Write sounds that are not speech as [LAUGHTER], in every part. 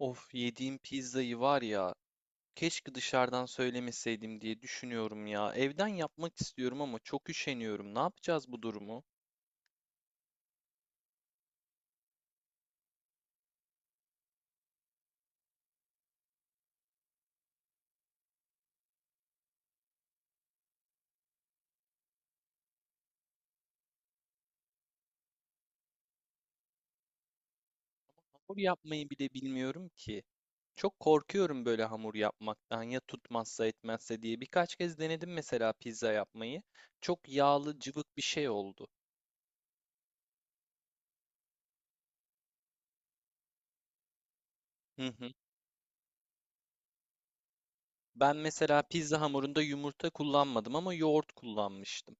Of yediğim pizzayı var ya keşke dışarıdan söylemeseydim diye düşünüyorum ya. Evden yapmak istiyorum ama çok üşeniyorum. Ne yapacağız bu durumu? Hamur yapmayı bile bilmiyorum ki. Çok korkuyorum böyle hamur yapmaktan ya tutmazsa etmezse diye. Birkaç kez denedim mesela pizza yapmayı. Çok yağlı cıvık bir şey oldu. Hı hı. Ben mesela pizza hamurunda yumurta kullanmadım ama yoğurt kullanmıştım.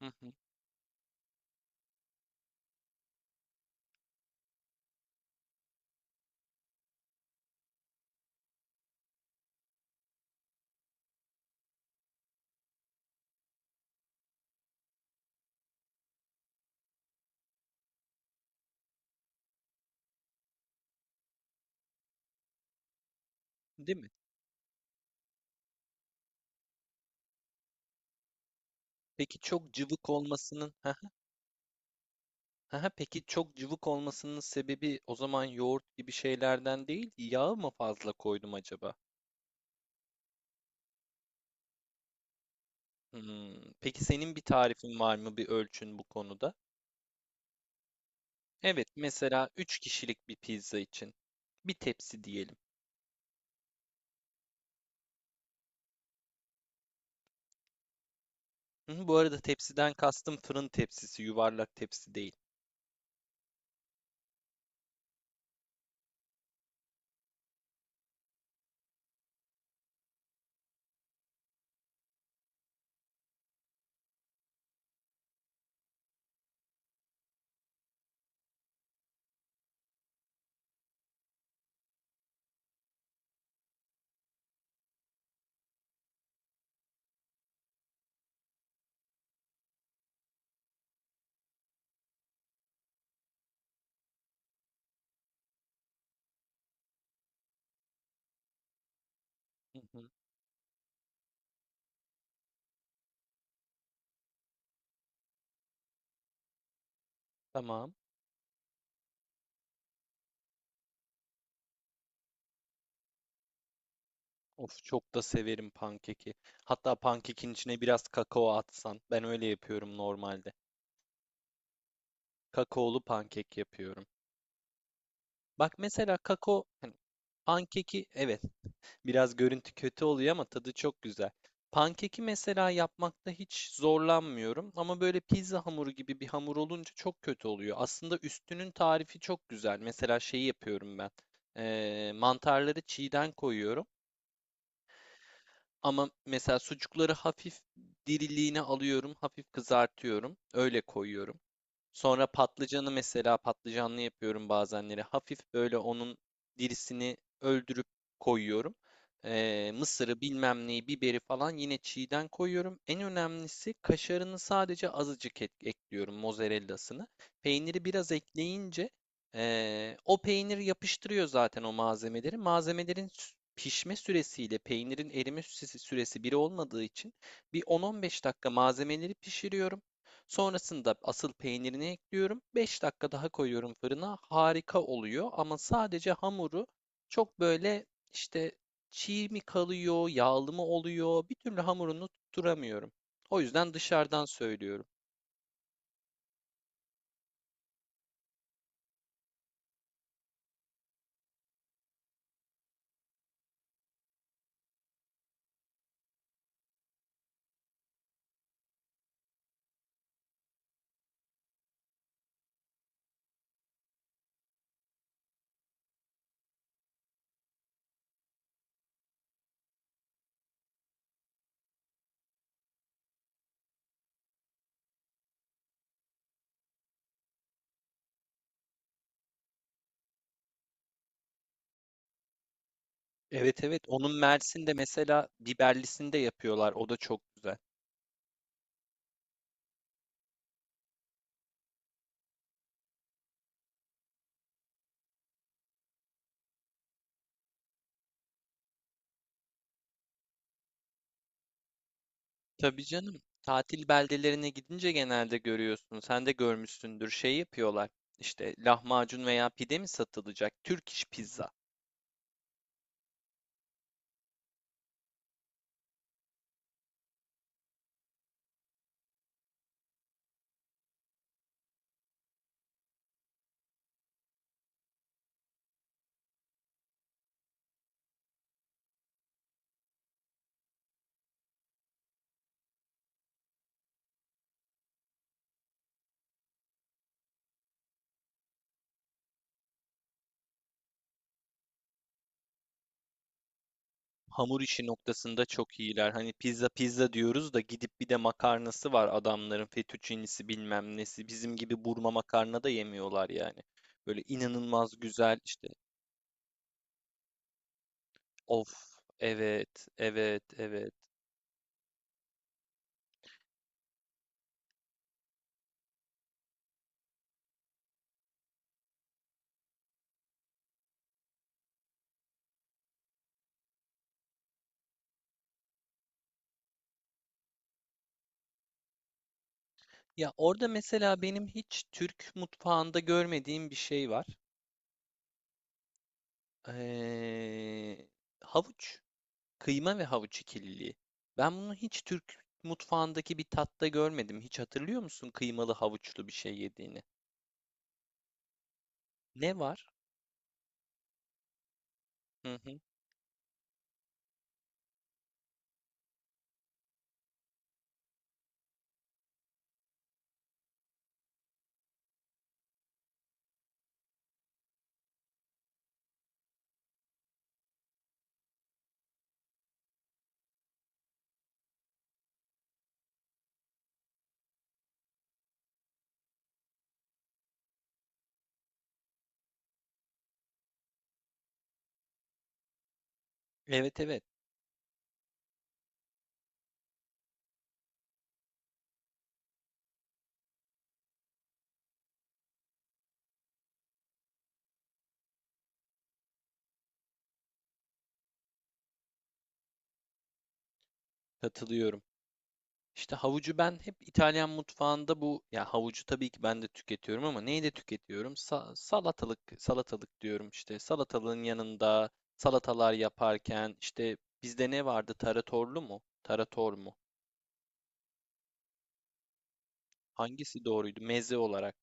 Hı hı. Değil mi? Peki çok cıvık olmasının [LAUGHS] Aha, peki çok cıvık olmasının sebebi o zaman yoğurt gibi şeylerden değil, yağı mı fazla koydum acaba? Hmm, Peki senin bir tarifin var mı, bir ölçün bu konuda? Evet, mesela 3 kişilik bir pizza için bir tepsi diyelim. Hı hı, bu arada tepsiden kastım fırın tepsisi, yuvarlak tepsi değil. Hı hı, tamam. Of, çok da severim pankeki. Hatta pankekin içine biraz kakao atsan. Ben öyle yapıyorum normalde. Kakaolu pankek yapıyorum. Bak mesela kakao hani pankeki evet, biraz görüntü kötü oluyor ama tadı çok güzel. Pankeki mesela yapmakta hiç zorlanmıyorum ama böyle pizza hamuru gibi bir hamur olunca çok kötü oluyor. Aslında üstünün tarifi çok güzel. Mesela şeyi yapıyorum ben. Mantarları çiğden koyuyorum ama mesela sucukları hafif diriliğini alıyorum, hafif kızartıyorum. Öyle koyuyorum. Sonra patlıcanı mesela patlıcanlı yapıyorum bazenleri. Hafif böyle onun dirisini öldürüp koyuyorum. Mısırı bilmem neyi biberi falan yine çiğden koyuyorum. En önemlisi kaşarını sadece azıcık ekliyorum mozzarellasını. Peyniri biraz ekleyince o peynir yapıştırıyor zaten o malzemeleri. Malzemelerin pişme süresiyle peynirin erime süresi biri olmadığı için bir 10-15 dakika malzemeleri pişiriyorum. Sonrasında asıl peynirini ekliyorum. 5 dakika daha koyuyorum fırına. Harika oluyor ama sadece hamuru çok böyle işte çiğ mi kalıyor, yağlı mı oluyor bir türlü hamurunu tutturamıyorum. O yüzden dışarıdan söylüyorum. Evet, evet, onun Mersin'de mesela biberlisinde yapıyorlar. O da çok güzel. Tabii canım. Tatil beldelerine gidince genelde görüyorsun. Sen de görmüşsündür. Şey yapıyorlar. İşte lahmacun veya pide mi satılacak? Türk iş pizza. Hamur işi noktasında çok iyiler. Hani pizza pizza diyoruz da gidip bir de makarnası var adamların fettuccinisi bilmem nesi. Bizim gibi burma makarna da yemiyorlar yani. Böyle inanılmaz güzel işte. Of, evet, evet, evet. Ya orada mesela benim hiç Türk mutfağında görmediğim bir şey var. Ee, havuç, kıyma ve havuç ikililiği. Ben bunu hiç Türk mutfağındaki bir tatta görmedim. Hiç hatırlıyor musun kıymalı havuçlu bir şey yediğini? Ne var? Hı hı. Evet, evet, katılıyorum. İşte havucu ben hep İtalyan mutfağında bu ya havucu tabii ki ben de tüketiyorum ama neyi de tüketiyorum? Salatalık salatalık diyorum işte salatalığın yanında salatalar yaparken işte bizde ne vardı? Taratorlu mu? Tarator mu? Hangisi doğruydu? Meze olarak.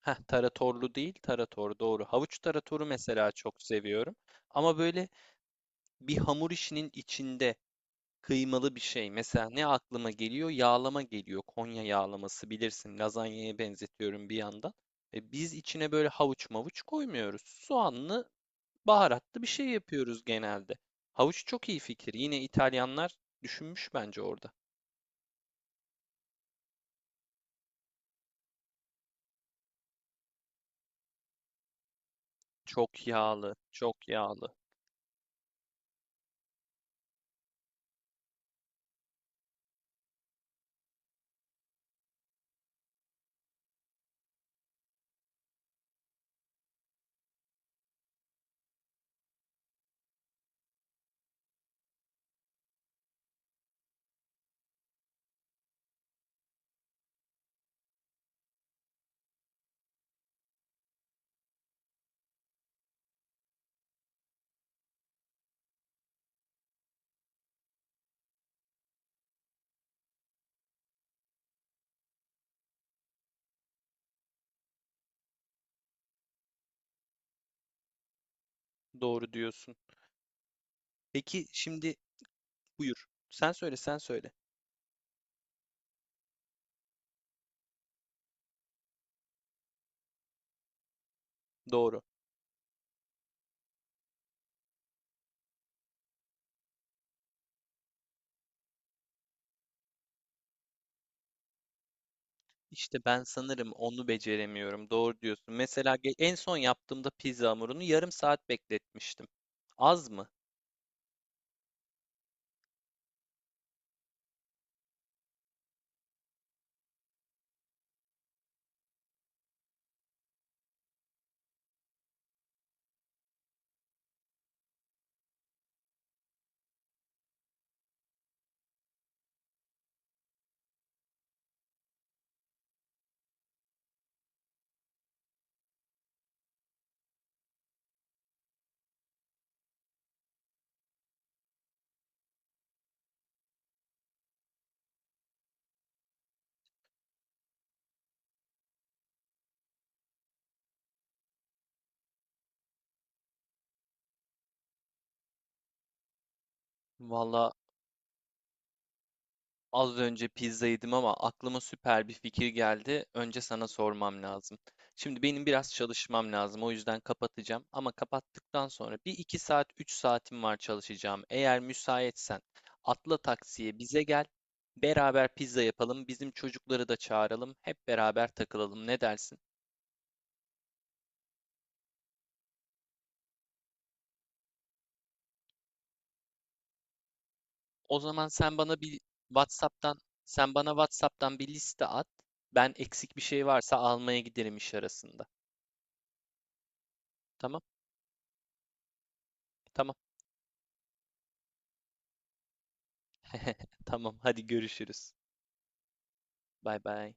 Heh, taratorlu değil, tarator doğru. Havuç taratoru mesela çok seviyorum. Ama böyle bir hamur işinin içinde kıymalı bir şey. Mesela ne aklıma geliyor? Yağlama geliyor. Konya yağlaması bilirsin. Lazanyaya benzetiyorum bir yandan. Biz içine böyle havuç mavuç koymuyoruz. Soğanlı, baharatlı bir şey yapıyoruz genelde. Havuç çok iyi fikir. Yine İtalyanlar düşünmüş bence orada. Çok yağlı, çok yağlı. Doğru diyorsun. Peki şimdi buyur. Sen söyle, sen söyle. Doğru. İşte ben sanırım onu beceremiyorum. Doğru diyorsun. Mesela en son yaptığımda pizza hamurunu yarım saat bekletmiştim. Az mı? Valla az önce pizza yedim ama aklıma süper bir fikir geldi. Önce sana sormam lazım. Şimdi benim biraz çalışmam lazım. O yüzden kapatacağım. Ama kapattıktan sonra bir iki saat, 3 saatim var çalışacağım. Eğer müsaitsen atla taksiye bize gel. Beraber pizza yapalım. Bizim çocukları da çağıralım. Hep beraber takılalım. Ne dersin? O zaman WhatsApp'tan sen bana WhatsApp'tan bir liste at. Ben eksik bir şey varsa almaya giderim iş arasında. Tamam? Tamam. [LAUGHS] Tamam. Hadi görüşürüz. Bay bay.